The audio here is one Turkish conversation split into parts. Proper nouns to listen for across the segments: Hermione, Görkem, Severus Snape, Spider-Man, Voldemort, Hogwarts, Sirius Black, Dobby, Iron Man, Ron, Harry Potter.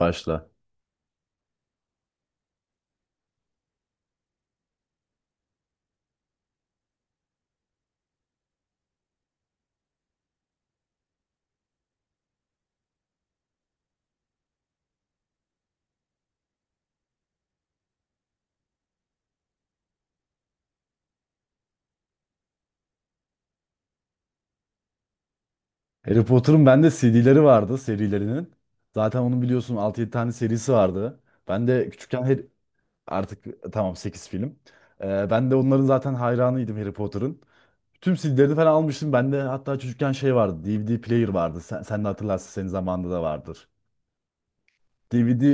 Başla. Harry Potter'ın bende CD'leri vardı, serilerinin. Zaten onun biliyorsun altı yedi tane serisi vardı. Ben de küçükken Harry- Artık tamam, 8 film. Ben de onların zaten hayranıydım Harry Potter'ın. Tüm CD'lerini falan almıştım. Bende hatta çocukken şey vardı, DVD player vardı. Sen de hatırlarsın, senin zamanında da vardır. DVD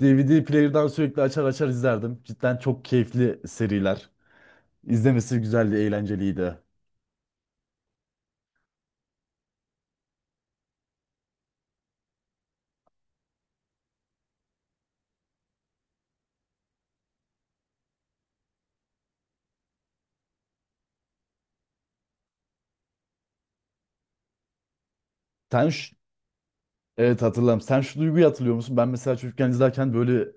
DVD player'dan sürekli açar açar izlerdim. Cidden çok keyifli seriler. İzlemesi güzeldi, eğlenceliydi. Sen Evet, hatırlarım. Sen şu duyguyu hatırlıyor musun? Ben mesela çocukken izlerken böyle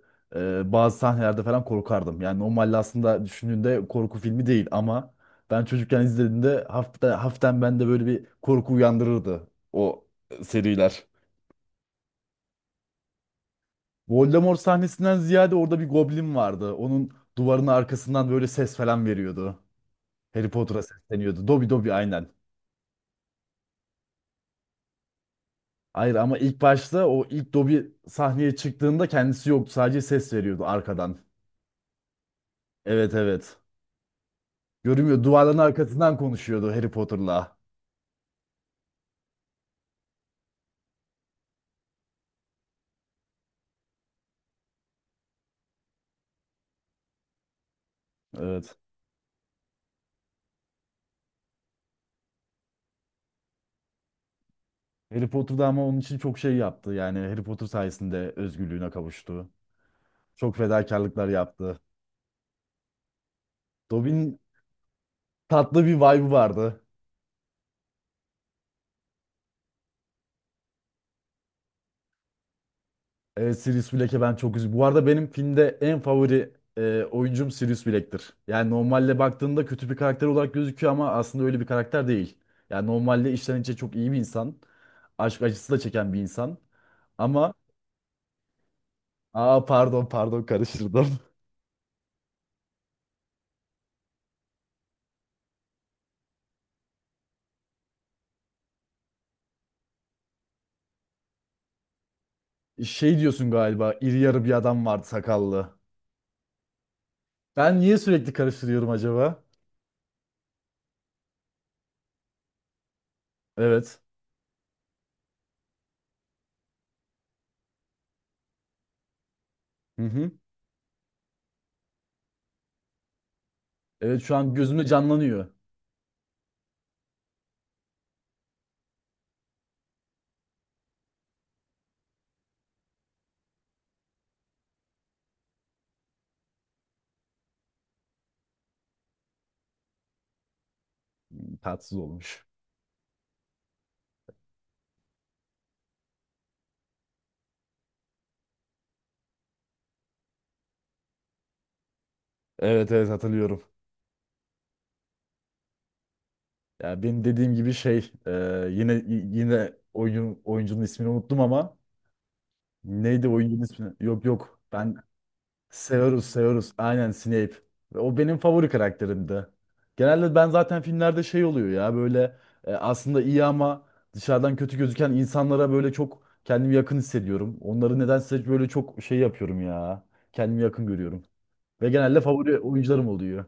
bazı sahnelerde falan korkardım. Yani normalde aslında düşündüğünde korku filmi değil ama ben çocukken izlediğimde haften bende böyle bir korku uyandırırdı o seriler. Voldemort sahnesinden ziyade orada bir goblin vardı. Onun duvarının arkasından böyle ses falan veriyordu. Harry Potter'a sesleniyordu. Dobby, Dobby, aynen. Hayır, ama ilk başta o ilk Dobby sahneye çıktığında kendisi yoktu. Sadece ses veriyordu arkadan. Evet, evet. Görünmüyor. Duvarların arkasından konuşuyordu Harry Potter'la. Evet. Harry Potter'da ama onun için çok şey yaptı. Yani Harry Potter sayesinde özgürlüğüne kavuştu. Çok fedakarlıklar yaptı. Dobby'nin tatlı bir vibe'ı vardı. Evet, Sirius Black'e ben çok üzüldüm. Bu arada benim filmde en favori oyuncum Sirius Black'tir. Yani normalde baktığında kötü bir karakter olarak gözüküyor ama aslında öyle bir karakter değil. Yani normalde içten içe çok iyi bir insan. Aşk acısı da çeken bir insan. Ama aa, pardon, pardon, karıştırdım. Şey diyorsun galiba, iri yarı bir adam vardı, sakallı. Ben niye sürekli karıştırıyorum acaba? Evet. Hı hı. Evet, şu an gözümde canlanıyor. Tatsız olmuş. Evet, evet hatırlıyorum. Ya benim dediğim gibi şey yine y- yine oyuncunun ismini unuttum ama neydi oyuncunun ismi? Yok, yok. Severus, Severus. Aynen, Snape. Ve o benim favori karakterimdi. Genelde ben zaten filmlerde şey oluyor ya böyle aslında iyi ama dışarıdan kötü gözüken insanlara böyle çok kendimi yakın hissediyorum. Onları nedense böyle çok şey yapıyorum ya. Kendimi yakın görüyorum. Ve genelde favori oyuncularım oluyor.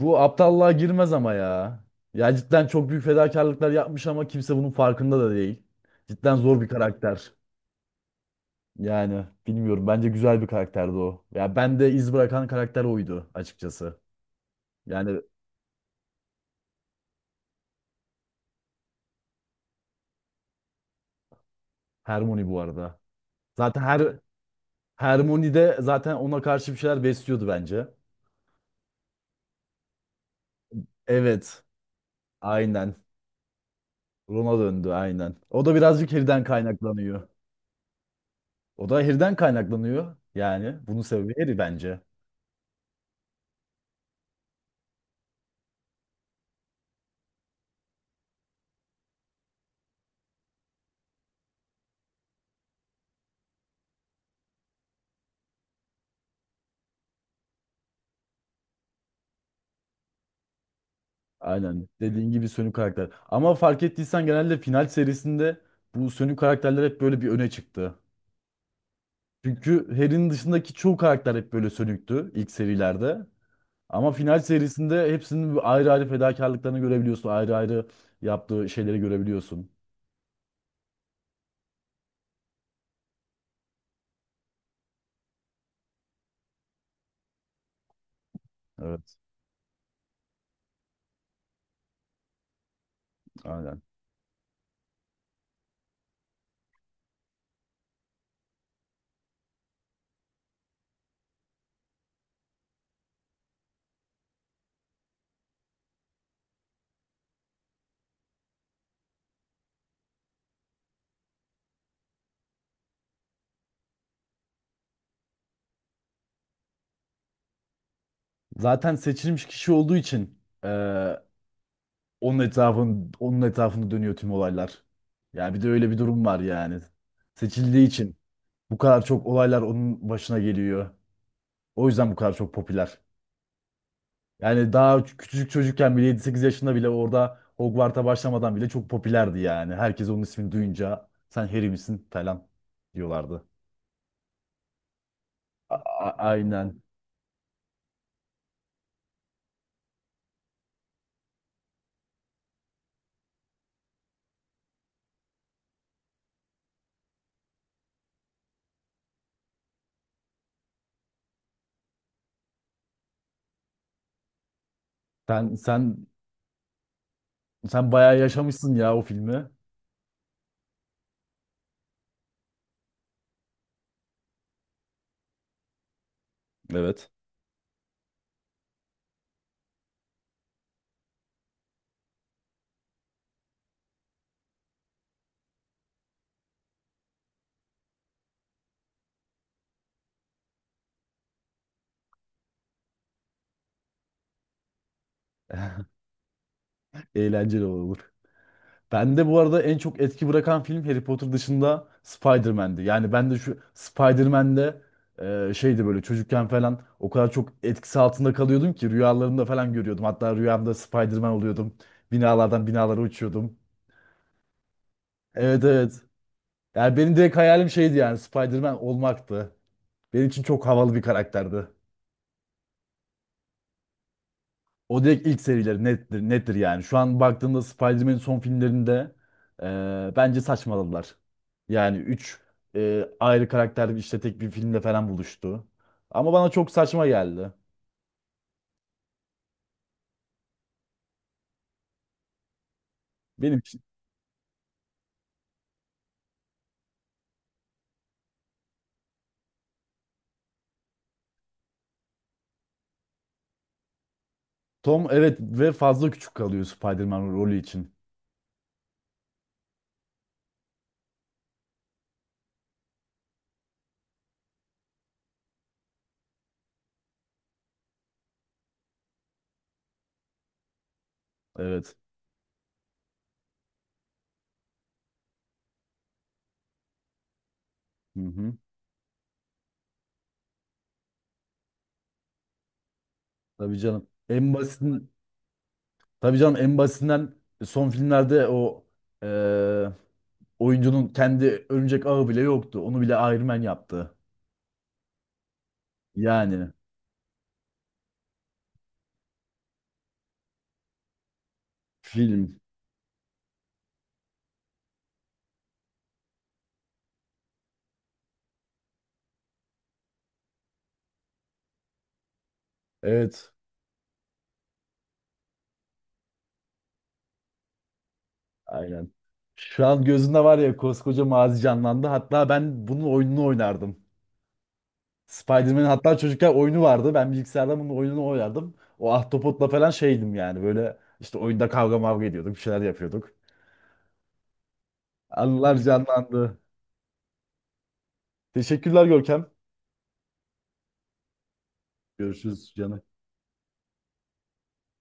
Bu aptallığa girmez ama ya. Ya cidden çok büyük fedakarlıklar yapmış ama kimse bunun farkında da değil. Cidden zor bir karakter. Yani bilmiyorum. Bence güzel bir karakterdi o. Ya ben de iz bırakan karakter oydu açıkçası. Yani Hermione bu arada. Zaten her Hermione de zaten ona karşı bir şeyler besliyordu bence. Evet. Aynen. Ron'a döndü aynen. O da birazcık Harry'den kaynaklanıyor. O da Harry'den kaynaklanıyor. Yani bunun sebebi Harry bence. Aynen. Dediğin gibi sönük karakter. Ama fark ettiysen genelde final serisinde bu sönük karakterler hep böyle bir öne çıktı. Çünkü Harry'nin dışındaki çoğu karakter hep böyle sönüktü ilk serilerde. Ama final serisinde hepsinin bir ayrı ayrı fedakarlıklarını görebiliyorsun. Ayrı ayrı yaptığı şeyleri görebiliyorsun. Evet, aynen. Zaten seçilmiş kişi olduğu için onun etrafında dönüyor tüm olaylar. Yani bir de öyle bir durum var yani. Seçildiği için bu kadar çok olaylar onun başına geliyor. O yüzden bu kadar çok popüler. Yani daha küçücük çocukken bile 7-8 yaşında bile orada Hogwarts'a başlamadan bile çok popülerdi yani. Herkes onun ismini duyunca sen Harry misin falan diyorlardı. Aynen. Sen sen sen bayağı yaşamışsın ya o filmi. Evet. Eğlenceli olur. Bende bu arada en çok etki bırakan film Harry Potter dışında Spider-Man'di. Yani ben de şu Spider-Man'de şeydi böyle çocukken falan o kadar çok etkisi altında kalıyordum ki rüyalarımda falan görüyordum. Hatta rüyamda Spider-Man oluyordum. Binalardan binalara uçuyordum. Evet, evet. Yani benim direkt hayalim şeydi, yani Spider-Man olmaktı. Benim için çok havalı bir karakterdi. O direkt ilk serileri nettir, nettir yani. Şu an baktığımda Spider-Man'in son filmlerinde bence saçmaladılar. Yani 3 ayrı karakter işte tek bir filmde falan buluştu. Ama bana çok saçma geldi. Benim için. Tom evet ve fazla küçük kalıyor Spider-Man rolü için. Evet. Hı hı. Tabii canım, en basitinden, tabii canım en basitinden son filmlerde o e, oyuncunun kendi örümcek ağı bile yoktu. Onu bile Iron Man yaptı. Yani film. Evet. Aynen. Şu an gözünde var ya, koskoca mazi canlandı. Hatta ben bunun oyununu oynardım. Spider-Man'in hatta çocukken oyunu vardı. Ben bilgisayarda bunun oyununu oynardım. O ahtapotla falan şeydim yani. Böyle işte oyunda kavga mavga ediyorduk. Bir şeyler yapıyorduk. Anılar canlandı. Teşekkürler Görkem. Görüşürüz canım.